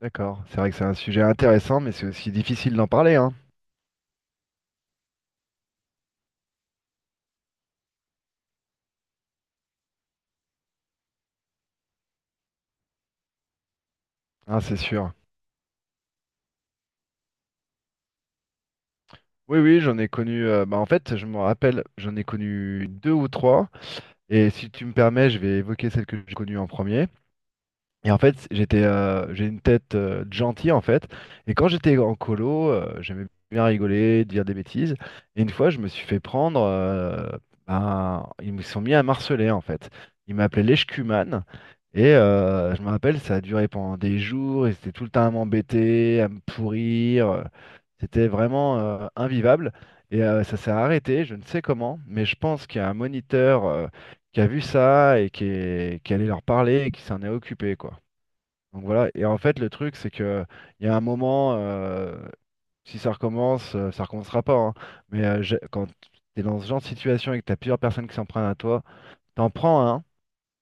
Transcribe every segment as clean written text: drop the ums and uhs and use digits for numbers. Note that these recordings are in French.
D'accord, c'est vrai que c'est un sujet intéressant, mais c'est aussi difficile d'en parler, hein. Hein, c'est sûr. Oui, oui, j'en ai connu. En fait, je me rappelle, j'en ai connu deux ou trois. Et si tu me permets, je vais évoquer celle que j'ai connue en premier. Et en fait, j'ai une tête de gentil en fait. Et quand j'étais en colo, j'aimais bien rigoler, dire des bêtises. Et une fois, je me suis fait prendre. Ils me sont mis à marceler en fait. Ils m'appelaient l'Eshkuman. Et je me rappelle, ça a duré pendant des jours. Ils étaient tout le temps à m'embêter, à me pourrir. C'était vraiment invivable. Et ça s'est arrêté, je ne sais comment, mais je pense qu'il y a un moniteur qui a vu ça et qui est allé leur parler et qui s'en est occupé, quoi. Donc voilà, et en fait le truc c'est que il y a un moment, si ça recommence, ça recommencera pas, hein. Quand t'es dans ce genre de situation et que t'as plusieurs personnes qui s'en prennent à toi, t'en prends un,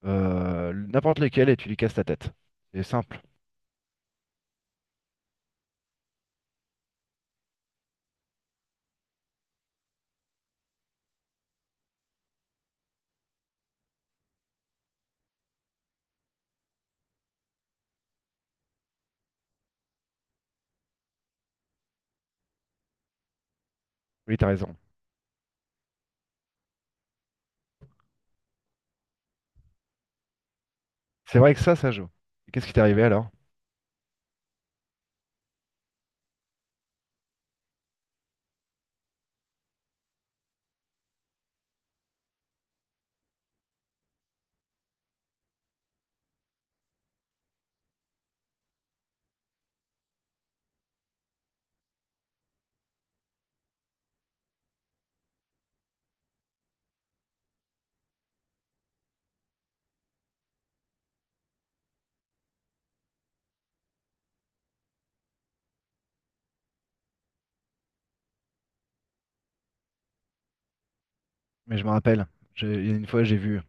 n'importe lequel, et tu lui casses la tête. C'est simple. Oui, t'as raison. C'est vrai que ça joue. Et qu'est-ce qui t'est arrivé alors? Mais je me rappelle, il y a une fois j'ai vu.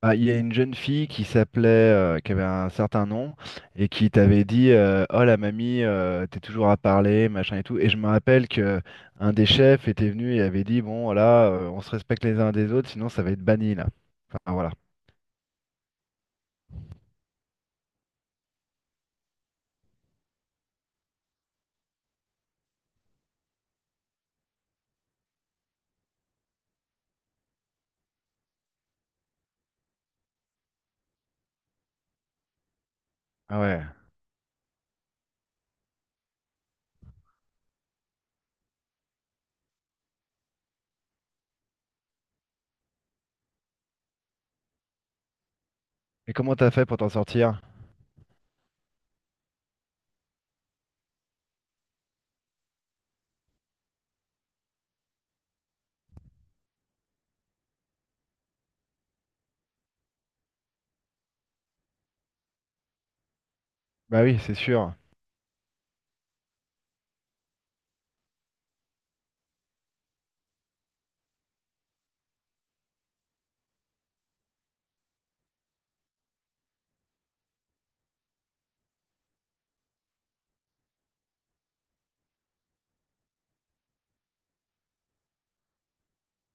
Ah, il y a une jeune fille qui s'appelait, qui avait un certain nom, et qui t'avait dit oh la mamie, t'es toujours à parler, machin et tout. Et je me rappelle que un des chefs était venu et avait dit bon, voilà, on se respecte les uns des autres, sinon ça va être banni là. Enfin voilà. Ah ouais. Et comment t'as fait pour t'en sortir? Bah oui, c'est sûr.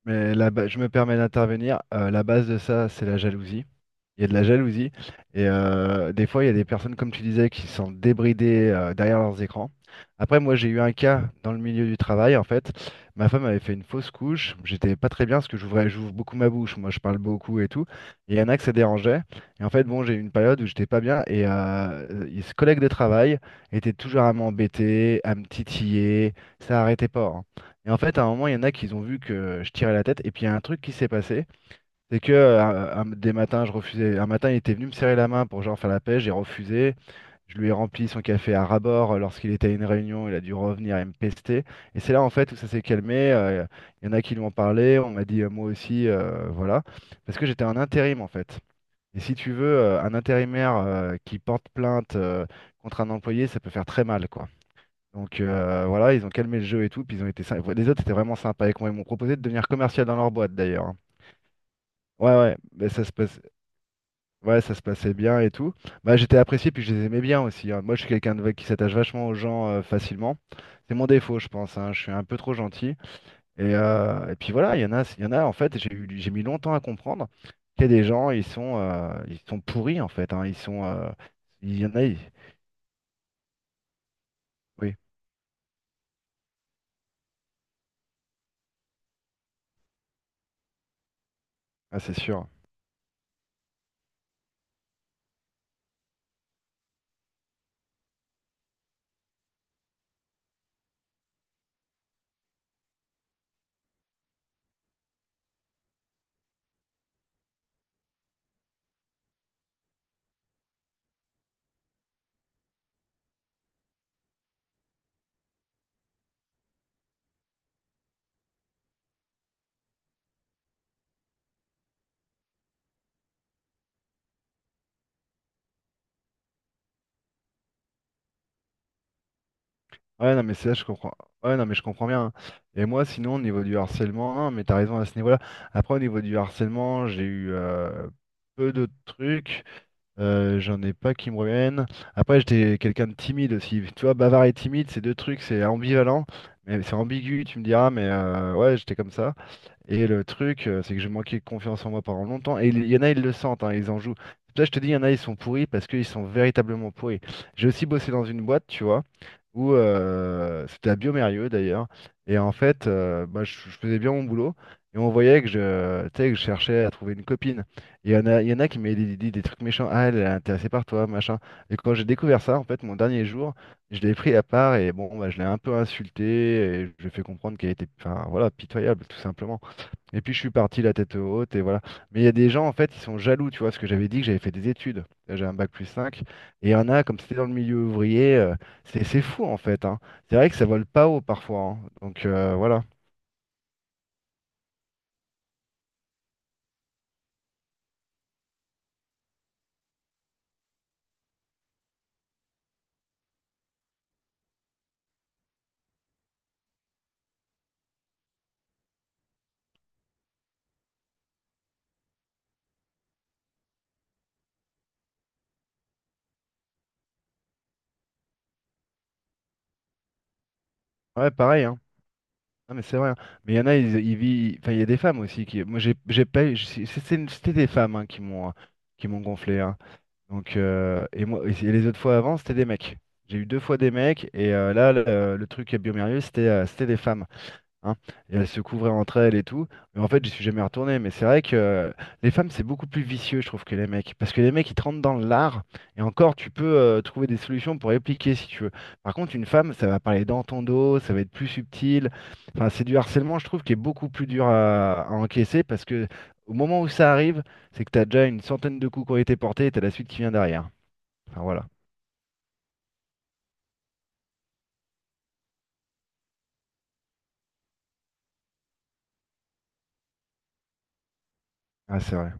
Je me permets d'intervenir. La base de ça, c'est la jalousie. Il y a de la jalousie. Et des fois, il y a des personnes, comme tu disais, qui sont débridées derrière leurs écrans. Après, moi, j'ai eu un cas dans le milieu du travail, en fait. Ma femme avait fait une fausse couche. J'étais pas très bien parce que j'ouvre beaucoup ma bouche. Moi, je parle beaucoup et tout. Et il y en a que ça dérangeait. Et en fait, bon, j'ai eu une période où j'étais pas bien. Et ce collègue de travail était toujours à m'embêter, à me titiller. Ça arrêtait pas. Hein. Et en fait, à un moment, il y en a qui ont vu que je tirais la tête. Et puis, il y a un truc qui s'est passé. C'est que des matins, je refusais. Un matin, il était venu me serrer la main pour genre faire la paix. J'ai refusé. Je lui ai rempli son café à rabord lorsqu'il était à une réunion. Il a dû revenir et me pester. Et c'est là, en fait, où ça s'est calmé. Il y en a qui lui ont parlé. On m'a dit, moi aussi, voilà. Parce que j'étais en intérim, en fait. Et si tu veux, un intérimaire qui porte plainte contre un employé, ça peut faire très mal, quoi. Donc voilà, ils ont calmé le jeu et tout, puis ils ont été sympas. Les autres, c'était vraiment sympa avec moi. Ils m'ont proposé de devenir commercial dans leur boîte d'ailleurs. Hein. Ouais, ouais, mais ça se passe... ouais, ça se passait bien et tout. Bah, j'étais apprécié, puis je les aimais bien aussi. Hein. Moi, je suis quelqu'un de... qui s'attache vachement aux gens facilement. C'est mon défaut, je pense. Hein. Je suis un peu trop gentil. Et puis voilà, il y en a en fait, j'ai mis longtemps à comprendre qu'il y a des gens, ils sont pourris en fait. Hein. Ils sont, Il y en a, ils- Oui, ah, c'est sûr. Ouais, non, mais c'est là, je comprends. Ouais, non, mais je comprends bien. Hein. Et moi, sinon, au niveau du harcèlement, non, mais t'as raison à ce niveau-là. Après, au niveau du harcèlement, j'ai eu peu de trucs. J'en ai pas qui me reviennent. Après, j'étais quelqu'un de timide aussi. Tu vois, bavard et timide, c'est deux trucs, c'est ambivalent. Mais c'est ambigu, tu me diras, mais ouais, j'étais comme ça. Et le truc, c'est que j'ai manqué de confiance en moi pendant longtemps. Et il y en a, ils le sentent, hein, ils en jouent. C'est pour ça que je te dis, il y en a, ils sont pourris parce qu'ils sont véritablement pourris. J'ai aussi bossé dans une boîte, tu vois, où c'était à Biomérieux d'ailleurs. Et en fait, je faisais bien mon boulot. Et on voyait que je, tu sais, que je cherchais à trouver une copine. Et il y en a qui m'avaient dit des trucs méchants. Ah, elle est intéressée par toi, machin. Et quand j'ai découvert ça, en fait, mon dernier jour, je l'ai pris à part et bon, bah, je l'ai un peu insulté et je lui ai fait comprendre qu'elle était, enfin, voilà, pitoyable, tout simplement. Et puis je suis parti la tête haute et voilà. Mais il y a des gens en fait, ils sont jaloux, tu vois, parce que j'avais dit que j'avais fait des études. Là, j'ai un bac plus 5. Et il y en a, comme c'était dans le milieu ouvrier, c'est fou en fait. Hein. C'est vrai que ça vole pas haut parfois. Hein. Donc voilà. Ouais, pareil. Hein. Non, mais c'est vrai. Hein. Mais il y en a, ils vivent. Enfin, il y a des femmes aussi qui. Moi, j'ai pas. J'ai- c'est- C'était des femmes hein, qui m'ont qui m'ont gonflé. Hein. Donc et les autres fois avant, c'était des mecs. J'ai eu deux fois des mecs et là le truc à Biomérieux, c'était c'était des femmes. Hein, et elles se couvraient entre elles et tout. Mais en fait, j'y suis jamais retourné. Mais c'est vrai que les femmes, c'est beaucoup plus vicieux, je trouve, que les mecs. Parce que les mecs, ils te rentrent dans l'art, et encore, tu peux trouver des solutions pour répliquer si tu veux. Par contre, une femme, ça va parler dans ton dos, ça va être plus subtil. Enfin, c'est du harcèlement, je trouve, qui est beaucoup plus dur à encaisser parce que au moment où ça arrive, c'est que tu as déjà une centaine de coups qui ont été portés et tu as la suite qui vient derrière. Enfin, voilà. Ah, c'est vrai.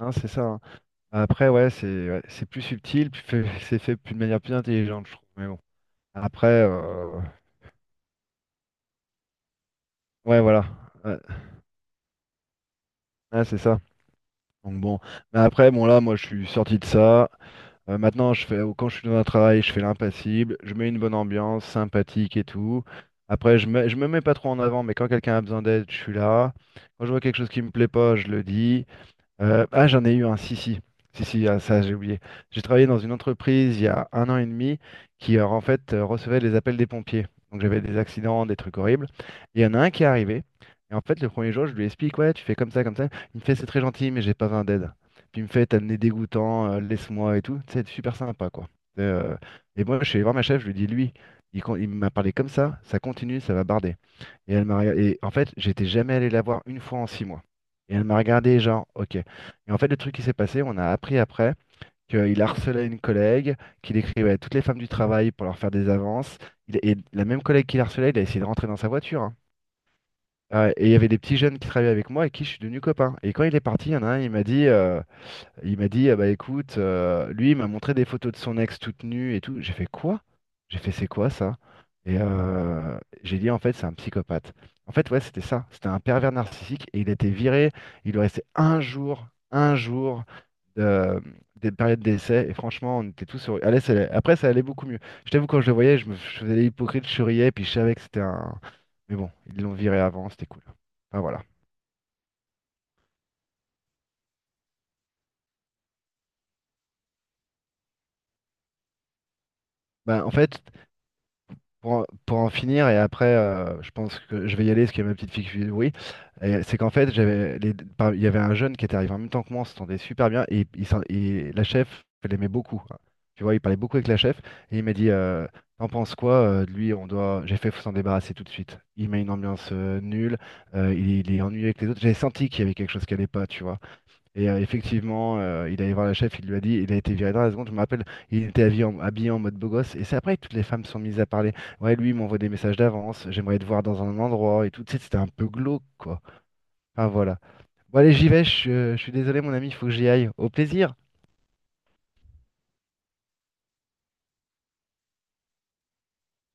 Non, c'est ça. Hein. Après, ouais, c'est plus subtil, de manière plus intelligente, je trouve. Mais bon. Après, ouais, voilà. Ouais, ouais, c'est ça. Donc bon, mais après, bon là, moi, je suis sorti de ça. Maintenant, je fais quand je suis dans un travail, je fais l'impassible, je mets une bonne ambiance, sympathique et tout. Après, je me mets pas trop en avant, mais quand quelqu'un a besoin d'aide, je suis là. Quand je vois quelque chose qui me plaît pas, je le dis. Ah, j'en ai eu un, si, si. Si, si, ah, ça, j'ai oublié. J'ai travaillé dans une entreprise il y a un an et demi qui, recevait les appels des pompiers. Donc, j'avais des accidents, des trucs horribles. Et il y en a un qui est arrivé. Et en fait, le premier jour, je lui explique, ouais, tu fais comme ça, comme ça. Il me fait, c'est très gentil, mais j'ai pas 20 d'aide. Puis il me fait, t'as le nez dégoûtant, laisse-moi et tout. C'est super sympa, quoi. Euh, et moi, je suis allé voir ma chef, je lui dis, lui, il m'a parlé comme ça continue, ça va barder. Et elle m'a regardé. Et en fait, j'étais jamais allé la voir une fois en six mois. Et elle m'a regardé, genre, ok. Et en fait, le truc qui s'est passé, on a appris après qu'il harcelait une collègue, qu'il écrivait à toutes les femmes du travail pour leur faire des avances. Et la même collègue qui harcelait, il a essayé de rentrer dans sa voiture. Hein. Ah, et il y avait des petits jeunes qui travaillaient avec moi et qui je suis devenu copain. Et quand il est parti, il y en a un, il m'a dit, ah bah écoute, lui, il m'a montré des photos de son ex toute nue et tout. J'ai fait quoi? J'ai fait, c'est quoi ça? Et j'ai dit, en fait, c'est un psychopathe. En fait, ouais, c'était ça. C'était un pervers narcissique et il a été viré. Il lui restait un jour, de, des périodes d'essai. Et franchement, on était tous sur. Allez, après, ça allait beaucoup mieux. Je t'avoue, quand je le voyais, je faisais l'hypocrite, je souriais, puis je savais que c'était un. Mais bon, ils l'ont viré avant, c'était cool. Enfin, voilà. Ben, en fait, pour en finir, et après, je pense que je vais y aller, parce qu'il y a ma petite fille qui oui. Et c'est qu'en fait, il y avait un jeune qui était arrivé en même temps que moi, on s'entendait super bien, et la chef, elle l'aimait beaucoup. Hein. Tu vois, il parlait beaucoup avec la chef, et il m'a dit, t'en penses quoi? De lui, j'ai fait, faut s'en débarrasser tout de suite. Il met une ambiance nulle, il est ennuyé avec les autres. J'avais senti qu'il y avait quelque chose qui allait pas, tu vois. Et effectivement, il allé voir le chef, il lui a dit, il a été viré dans la seconde, je me rappelle, il était habillé en mode beau gosse, et c'est après que toutes les femmes sont mises à parler. Ouais, lui, il m'envoie des messages d'avance, j'aimerais te voir dans un endroit, et tout, tu sais, c'était un peu glauque, quoi. Enfin, voilà. Bon, allez, j'y vais, je suis désolé, mon ami, il faut que j'y aille. Au plaisir!